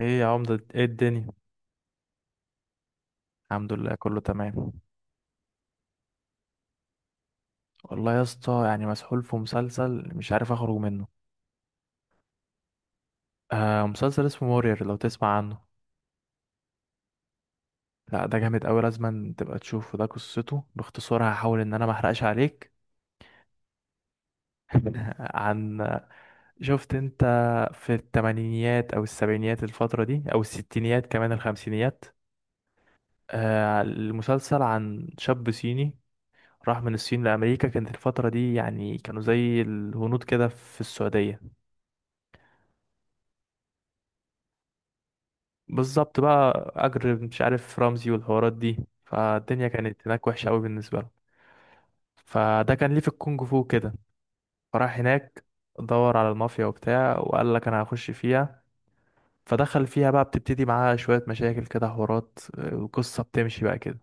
ايه يا عمدة، ايه الدنيا؟ الحمد لله كله تمام. والله يا اسطى يعني مسحول في مسلسل مش عارف اخرج منه. آه، مسلسل اسمه مورير، لو تسمع عنه. لا ده جامد قوي، لازم تبقى تشوفه. ده قصته باختصار، هحاول ان انا ما احرقش عليك. عن، شفت انت، في التمانينيات او السبعينيات، الفترة دي، او الستينيات، كمان الخمسينيات. آه، المسلسل عن شاب صيني راح من الصين لأمريكا. كانت الفترة دي يعني كانوا زي الهنود كده في السعودية. بالظبط، بقى اجر مش عارف رمزي والحوارات دي، فالدنيا كانت هناك وحشه قوي بالنسبه له. فده كان ليه في الكونج فو كده، فراح هناك، دور على المافيا وبتاع، وقال لك انا هخش فيها. فدخل فيها بقى، بتبتدي معاها شويه مشاكل كده، حوارات آه، القصه بتمشي بقى كده.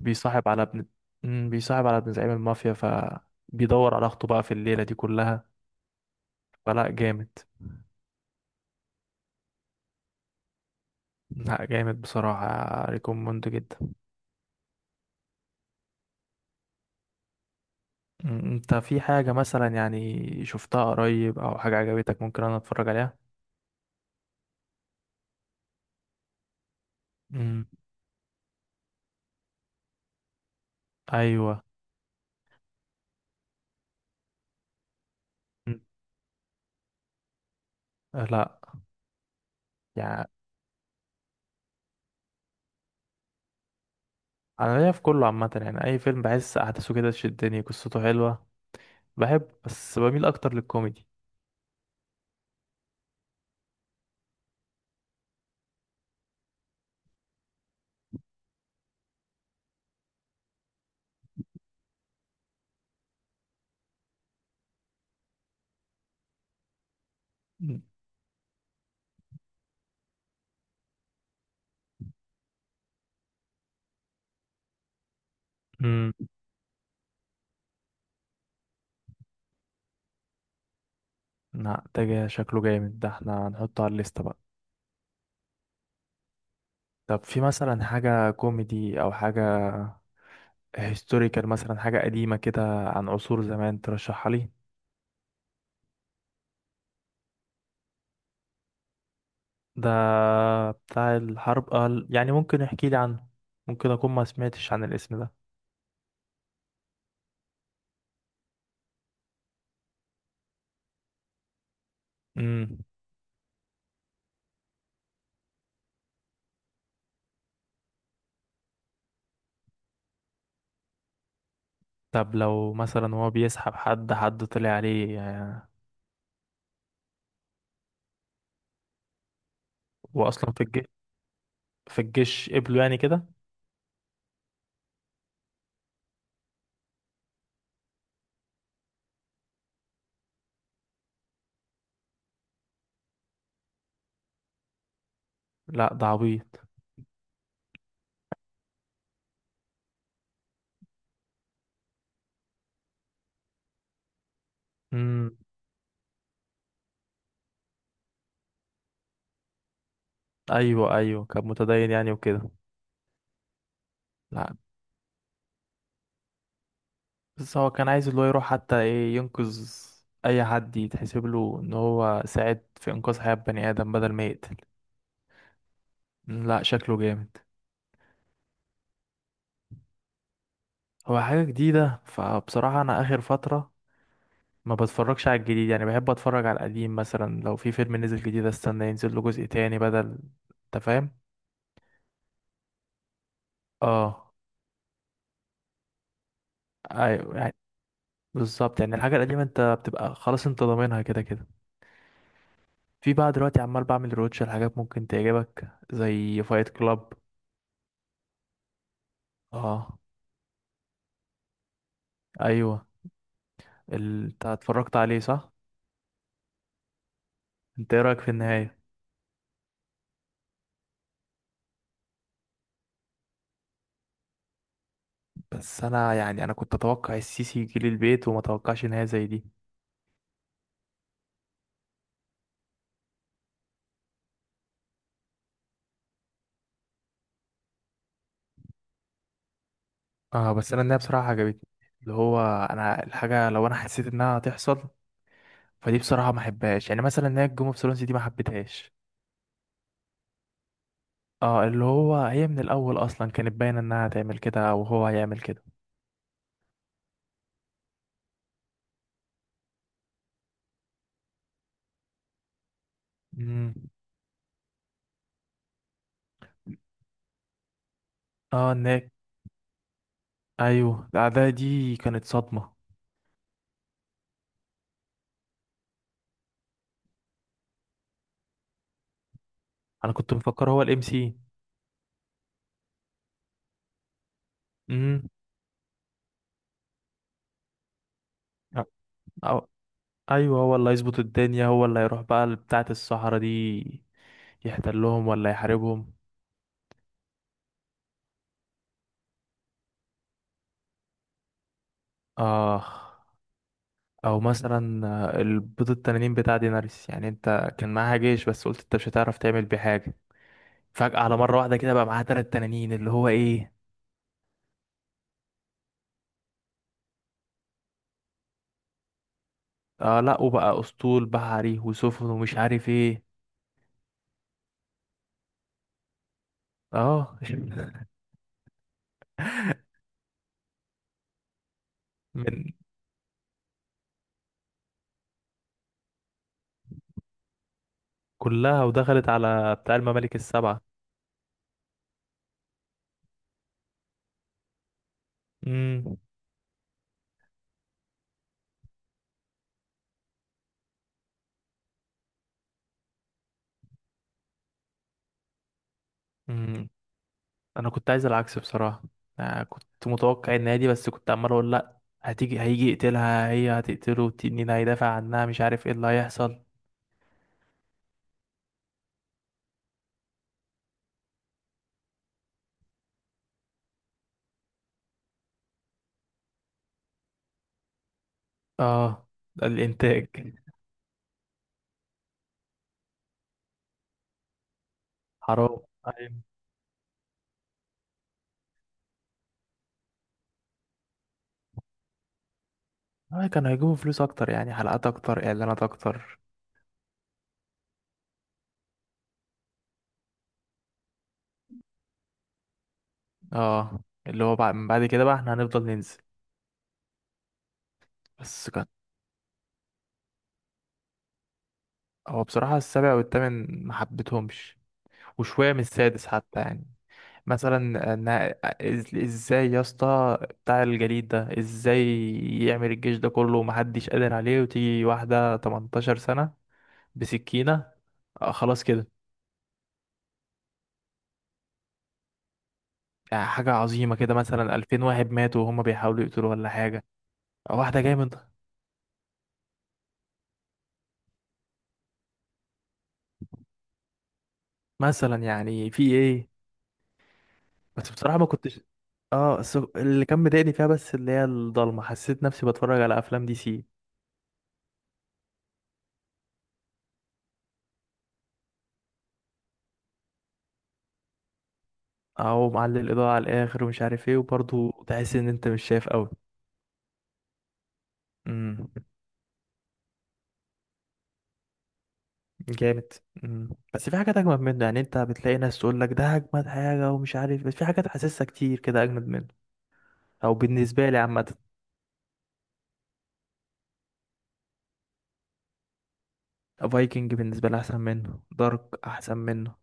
بيصاحب على ابن، بيصاحب على ابن زعيم المافيا، فبيدور على اخته بقى في الليله دي كلها. فلا جامد، لا جامد بصراحه. ريكوموند جدا. انت في حاجة مثلا يعني شفتها قريب او حاجة عجبتك ممكن انا اتفرج عليها؟ امم. ايوه. مم. آه، لا. يعني انا ليا في كله عامة، يعني اي فيلم بحس احداثه كده تشدني، قصته حلوة. بحب، بس بميل اكتر للكوميدي. مم. امم. لا ده شكله جامد ده، احنا هنحطه على الليستة بقى. طب في مثلا حاجة كوميدي او حاجة هيستوريكال، مثلا حاجة قديمة كده عن عصور زمان، ترشحها لي؟ ده بتاع الحرب آه، يعني ممكن يحكي لي عنه. ممكن اكون ما سمعتش عن الاسم ده. امم. طب لو مثلا هو بيسحب حد، حد طلع عليه يعني. واصلا في الجيش، في الجيش قبله يعني كده؟ لا ده عبيط. امم. ايوه ايوه، كان متدين يعني وكده. لا، بس هو كان عايز اللي هو يروح حتى ايه، ينقذ اي حد، يتحسب له ان هو ساعد في انقاذ حياة بني ادم بدل ما يقتل. مم، لا شكله جامد. هو حاجة جديدة فبصراحة انا اخر فترة ما بتفرجش على الجديد. يعني بحب اتفرج على القديم. مثلا لو في فيلم نزل جديد، استنى ينزل له جزء تاني بدل، انت فاهم. اه. ايوه يعني، بالظبط يعني الحاجه القديمه انت بتبقى خلاص انت ضامنها كده كده. في بقى دلوقتي عمال بعمل روتش لحاجات ممكن تعجبك زي فايت كلاب. اه. ايوه. انت اتفرجت عليه صح؟ انت ايه رايك في النهايه؟ بس انا يعني انا كنت اتوقع السيسي يجي لي البيت وما اتوقعش نهايه زي دي. اه، بس انا النهايه بصراحه عجبتني. اللي هو، انا الحاجه لو انا حسيت انها هتحصل فدي بصراحة ما حبهاش. يعني مثلا نهاية جيم اوف ثرونز دي ما حبيتهاش. اه اللي هو هي من الأول أصلا كانت باينة إنها هتعمل كده وهو هيعمل كده. امم. اه ناك. أيوه، الأعداء دي كانت صدمة. أنا كنت مفكر هو الام سي. امم. أو… أيوه، هو اللي هيظبط الدنيا، هو اللي هيروح بقى بتاعة الصحراء دي يحتلهم ولا يحاربهم. آه. أو مثلا آه، البيض التنانين بتاع ديناريس يعني، أنت كان معاها جيش بس قلت أنت مش هتعرف تعمل بيه حاجة. فجأة على مرة واحدة كده بقى معاه تلات تنانين اللي هو ايه. اه لا، وبقى اسطول بحري وسفن ومش عارف ايه. اه. من، كلها ودخلت على بتاع الممالك السبعة. امم. امم. انا كنت عايز العكس بصراحة. آه كنت متوقع ان هي دي، بس كنت عمال اقول لا هتيجي، هيجي يقتلها، هي هتقتله، التنين هيدافع عنها، مش عارف ايه اللي هيحصل. اه، ده الانتاج. حرام. أيوة. آه، كانوا هيجيبوا فلوس اكتر يعني، حلقات اكتر، اعلانات اكتر. اه اللي هو بعد، من بعد كده بقى احنا هنفضل ننزل. بس كان، هو بصراحة السابع والثامن ما حبيتهمش. وشوية من السادس حتى يعني. مثلا ازاي يا اسطى بتاع الجليد ده ازاي يعمل الجيش ده كله ومحدش قادر عليه وتيجي واحدة 18 سنة بسكينة آه خلاص كده. يعني حاجة عظيمة كده مثلا 2000 واحد ماتوا وهما بيحاولوا يقتلوا ولا حاجة. واحدة جاية من، مثلا يعني في ايه. بس بصراحة ما كنتش. اه بس اللي كان مضايقني فيها، بس اللي هي الضلمة، حسيت نفسي بتفرج على افلام دي سي. او معلي الاضاءة على الاخر ومش عارف ايه وبرضه تحس ان انت مش شايف قوي. امم. جامد. امم. بس في حاجات اجمد منه. يعني انت بتلاقي ناس تقول لك ده اجمد حاجة ومش عارف، بس في حاجات حاسسها كتير كده اجمد منه. او بالنسبة لي عامة. فايكنج بالنسبة لي احسن منه، دارك احسن منه.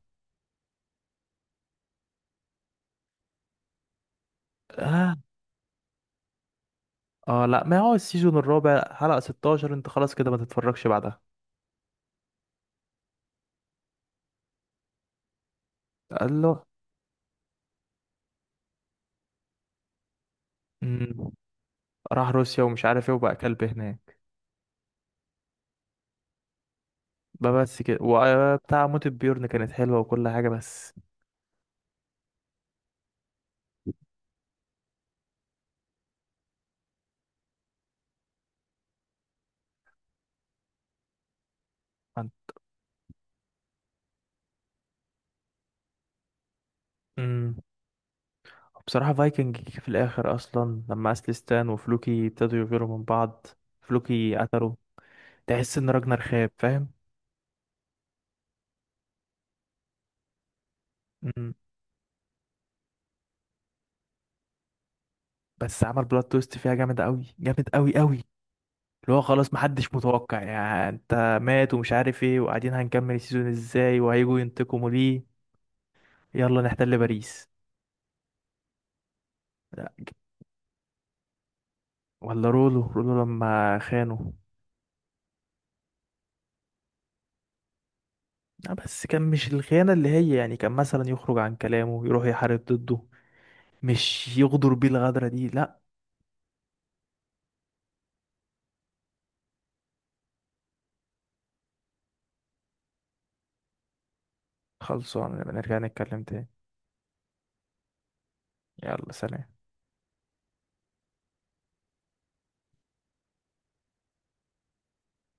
اه. اه لا ما هو السيزون الرابع حلقة 16 انت خلاص كده ما تتفرجش بعدها. قال له، راح روسيا ومش عارف ايه وبقى كلب هناك. بقى بس كده، وبتاع موت بيورن كانت حلوة وكل حاجة بس. امم. بصراحة فايكنج في الآخر أصلا لما أسلستان وفلوكي ابتدوا يغيروا من بعض، فلوكي قتله، تحس إن راجنر خاب فاهم. امم. بس عمل بلوت تويست فيها جامد أوي، جامد أوي أوي. اللي هو خلاص محدش متوقع يعني، أنت مات ومش عارف ايه، وقاعدين هنكمل السيزون ازاي، وهيجوا ينتقموا ليه، يلا نحتل باريس. لا، ولا رولو رولو لما خانه. آه، بس كان مش الخيانة اللي هي يعني كان مثلا يخرج عن كلامه يروح يحارب ضده، مش يغدر بيه الغدرة دي، لا. خلصوا نبقى نرجع نتكلم تاني. يلا، سلام.